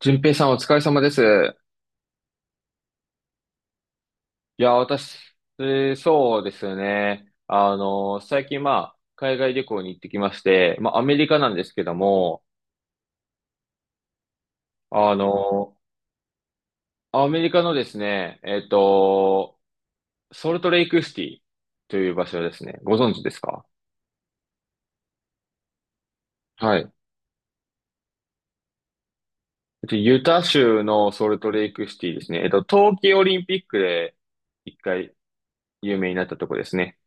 淳平さんお疲れ様です。いや、私、そうですね。最近まあ、海外旅行に行ってきまして、まあ、アメリカなんですけども、あの、アメリカのですね、ソルトレイクシティという場所ですね。ご存知ですか？はい。ユタ州のソルトレイクシティですね。冬季オリンピックで一回有名になったとこですね。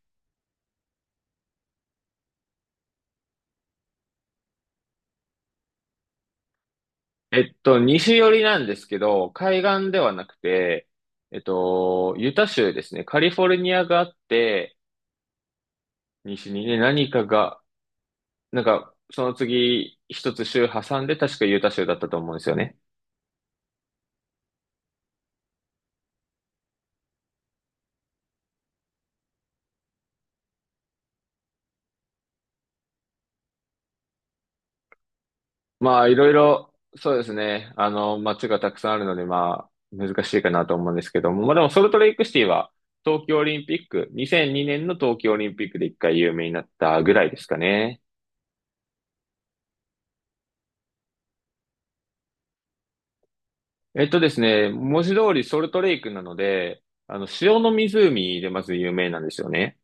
西寄りなんですけど、海岸ではなくて、ユタ州ですね。カリフォルニアがあって、西にね、何かが、なんか、その次、一つ州挟んで、確かユタ州だったと思うんですよね。まあ、いろいろ、そうですね。街がたくさんあるので、まあ、難しいかなと思うんですけども。まあでも、ソルトレイクシティは、東京オリンピック、2002年の東京オリンピックで一回有名になったぐらいですかね。ですね、文字通りソルトレイクなので、塩の湖でまず有名なんですよね。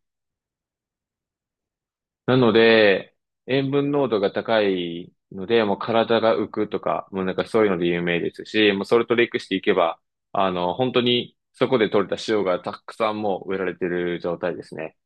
なので、塩分濃度が高いので、もう体が浮くとか、もうなんかそういうので有名ですし、もうソルトレイクしていけば、本当にそこで取れた塩がたくさんもう植えられてる状態ですね。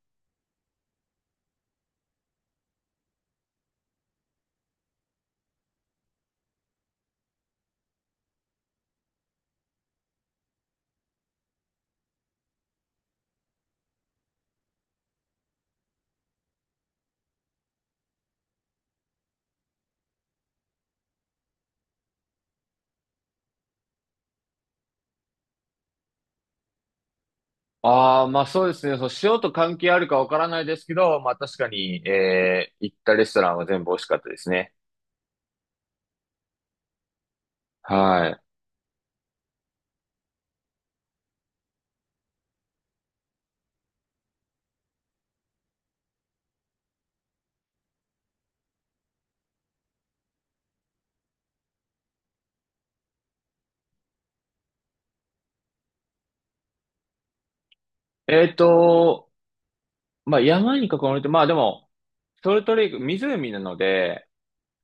ああ、まあそうですね。そう、塩と関係あるかわからないですけど、まあ確かに、行ったレストランは全部美味しかったですね。はい。えっと、まあ山に囲まれて、まあでも、ソルトレイク、湖なので、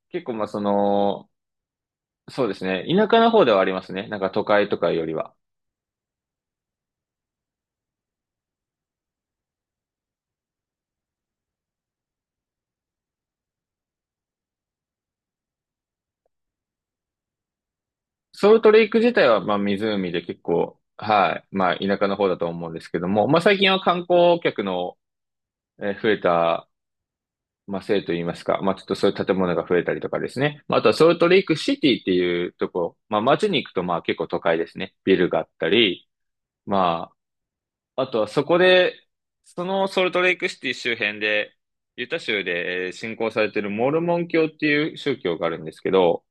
結構まあその、そうですね、田舎の方ではありますね。なんか都会とかよりは。ソルトレイク自体はまあ湖で結構、はい、まあ田舎の方だと思うんですけども、まあ最近は観光客の増えた、まあせいと言いますか、まあちょっとそういう建物が増えたりとかですね。まああとはソルトレイクシティっていうとこ、まあ街に行くとまあ結構都会ですね。ビルがあったり、まあ、あとはそこで、そのソルトレイクシティ周辺で、ユタ州で信仰されているモルモン教っていう宗教があるんですけど、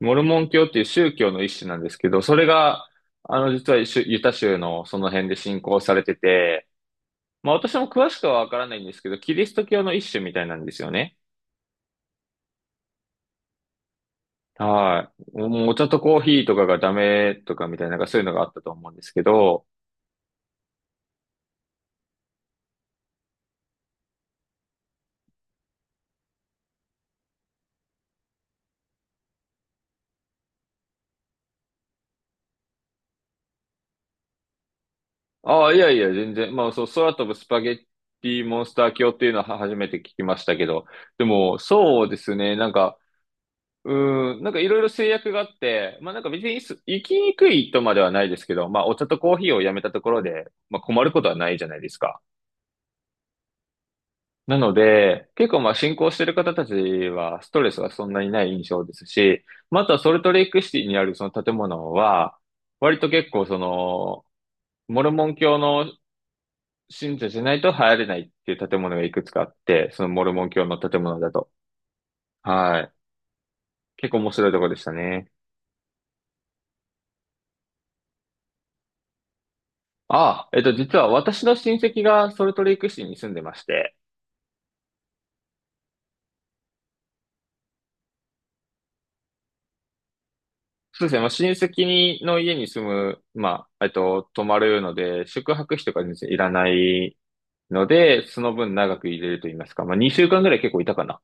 モルモン教っていう宗教の一種なんですけど、それが、実はユタ州のその辺で信仰されてて、まあ私も詳しくはわからないんですけど、キリスト教の一種みたいなんですよね。はい。もうお茶とコーヒーとかがダメとかみたいな、なんかそういうのがあったと思うんですけど、ああ、いやいや、全然。まあ、そう、空飛ぶスパゲッティモンスター教っていうのは初めて聞きましたけど、でも、そうですね、なんか、うなんかいろいろ制約があって、まあなんか別に行きにくいとまではないですけど、まあお茶とコーヒーをやめたところで、まあ困ることはないじゃないですか。なので、結構まあ進行してる方たちはストレスがそんなにない印象ですし、またソルトレイクシティにあるその建物は、割と結構その、モルモン教の信者じゃないと入れないっていう建物がいくつかあって、そのモルモン教の建物だと。はい。結構面白いところでしたね。ああ、実は私の親戚がソルトレイク市に住んでまして、そうですね、まあ、親戚の家に住む、まあ、泊まるので、宿泊費とか全然いらないので、その分長く入れると言いますか、まあ、2週間ぐらい結構いたかな。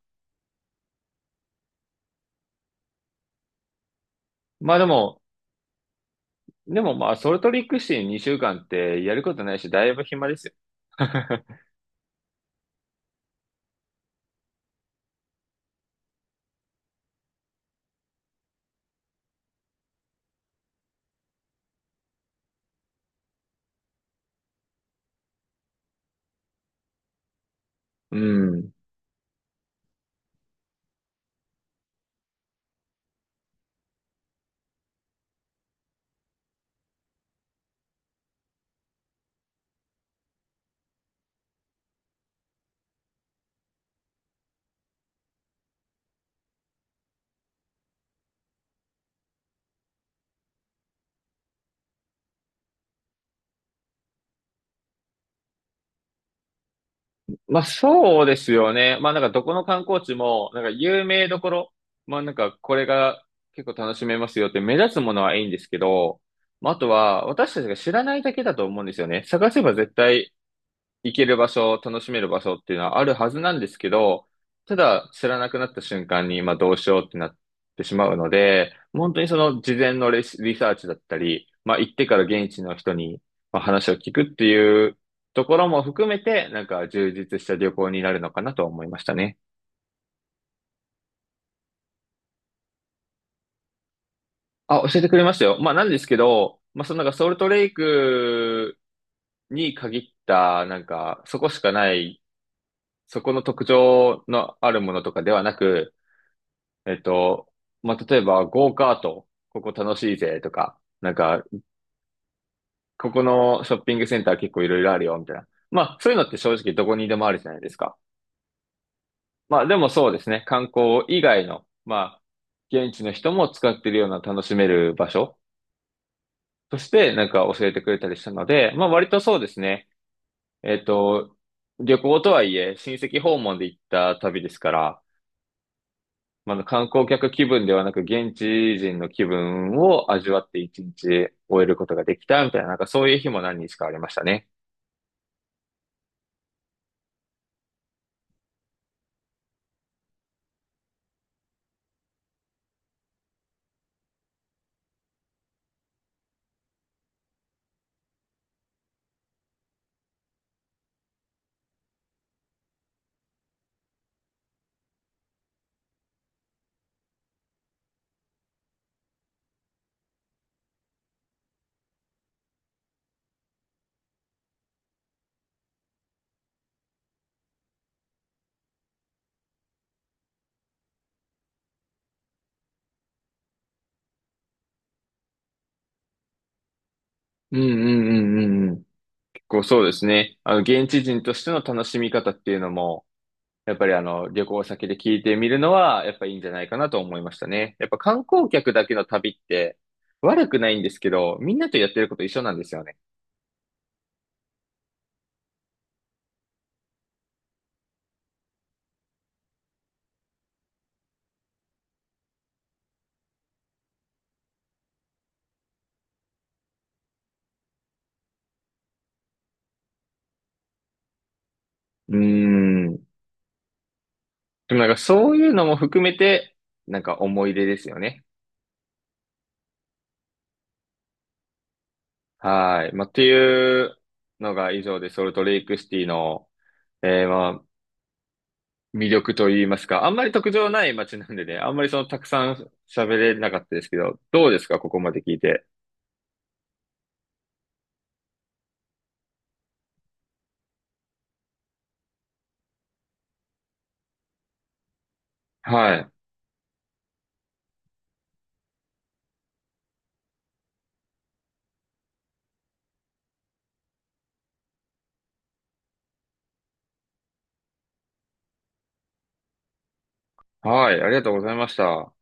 まあでも、でもまあ、ソルトレイク市2週間ってやることないし、だいぶ暇ですよ。うん。まあそうですよね。まあなんかどこの観光地も、なんか有名どころ、まあなんかこれが結構楽しめますよって目立つものはいいんですけど、まああとは私たちが知らないだけだと思うんですよね。探せば絶対行ける場所、楽しめる場所っていうのはあるはずなんですけど、ただ知らなくなった瞬間に今どうしようってなってしまうので、本当にその事前のリサーチだったり、まあ行ってから現地の人にまあ話を聞くっていうところも含めて、なんか充実した旅行になるのかなと思いましたね。あ、教えてくれましたよ。まあなんですけど、まあそのなんかソルトレイクに限った、なんかそこしかない、そこの特徴のあるものとかではなく、えっと、まあ、例えば、ゴーカート、ここ楽しいぜとか、なんか、ここのショッピングセンター結構いろいろあるよ、みたいな。まあ、そういうのって正直どこにでもあるじゃないですか。まあ、でもそうですね、観光以外の、まあ、現地の人も使ってるような楽しめる場所として、なんか教えてくれたりしたので、まあ、割とそうですね、えっと、旅行とはいえ、親戚訪問で行った旅ですから、まあ、観光客気分ではなく、現地人の気分を味わって一日終えることができたみたいな、なんかそういう日も何日かありましたね。うんうんうんうんうん。結構そうですね。現地人としての楽しみ方っていうのも、やっぱり旅行先で聞いてみるのは、やっぱいいんじゃないかなと思いましたね。やっぱ観光客だけの旅って、悪くないんですけど、みんなとやってること一緒なんですよね。うーん。でもなんかそういうのも含めて、なんか思い出ですよね。はい。まあ、っていうのが以上で、ソルトレイクシティの、まあ、魅力といいますか、あんまり特徴ない街なんでね、あんまりそのたくさん喋れなかったですけど、どうですか、ここまで聞いて。はい。はい。ありがとうございました。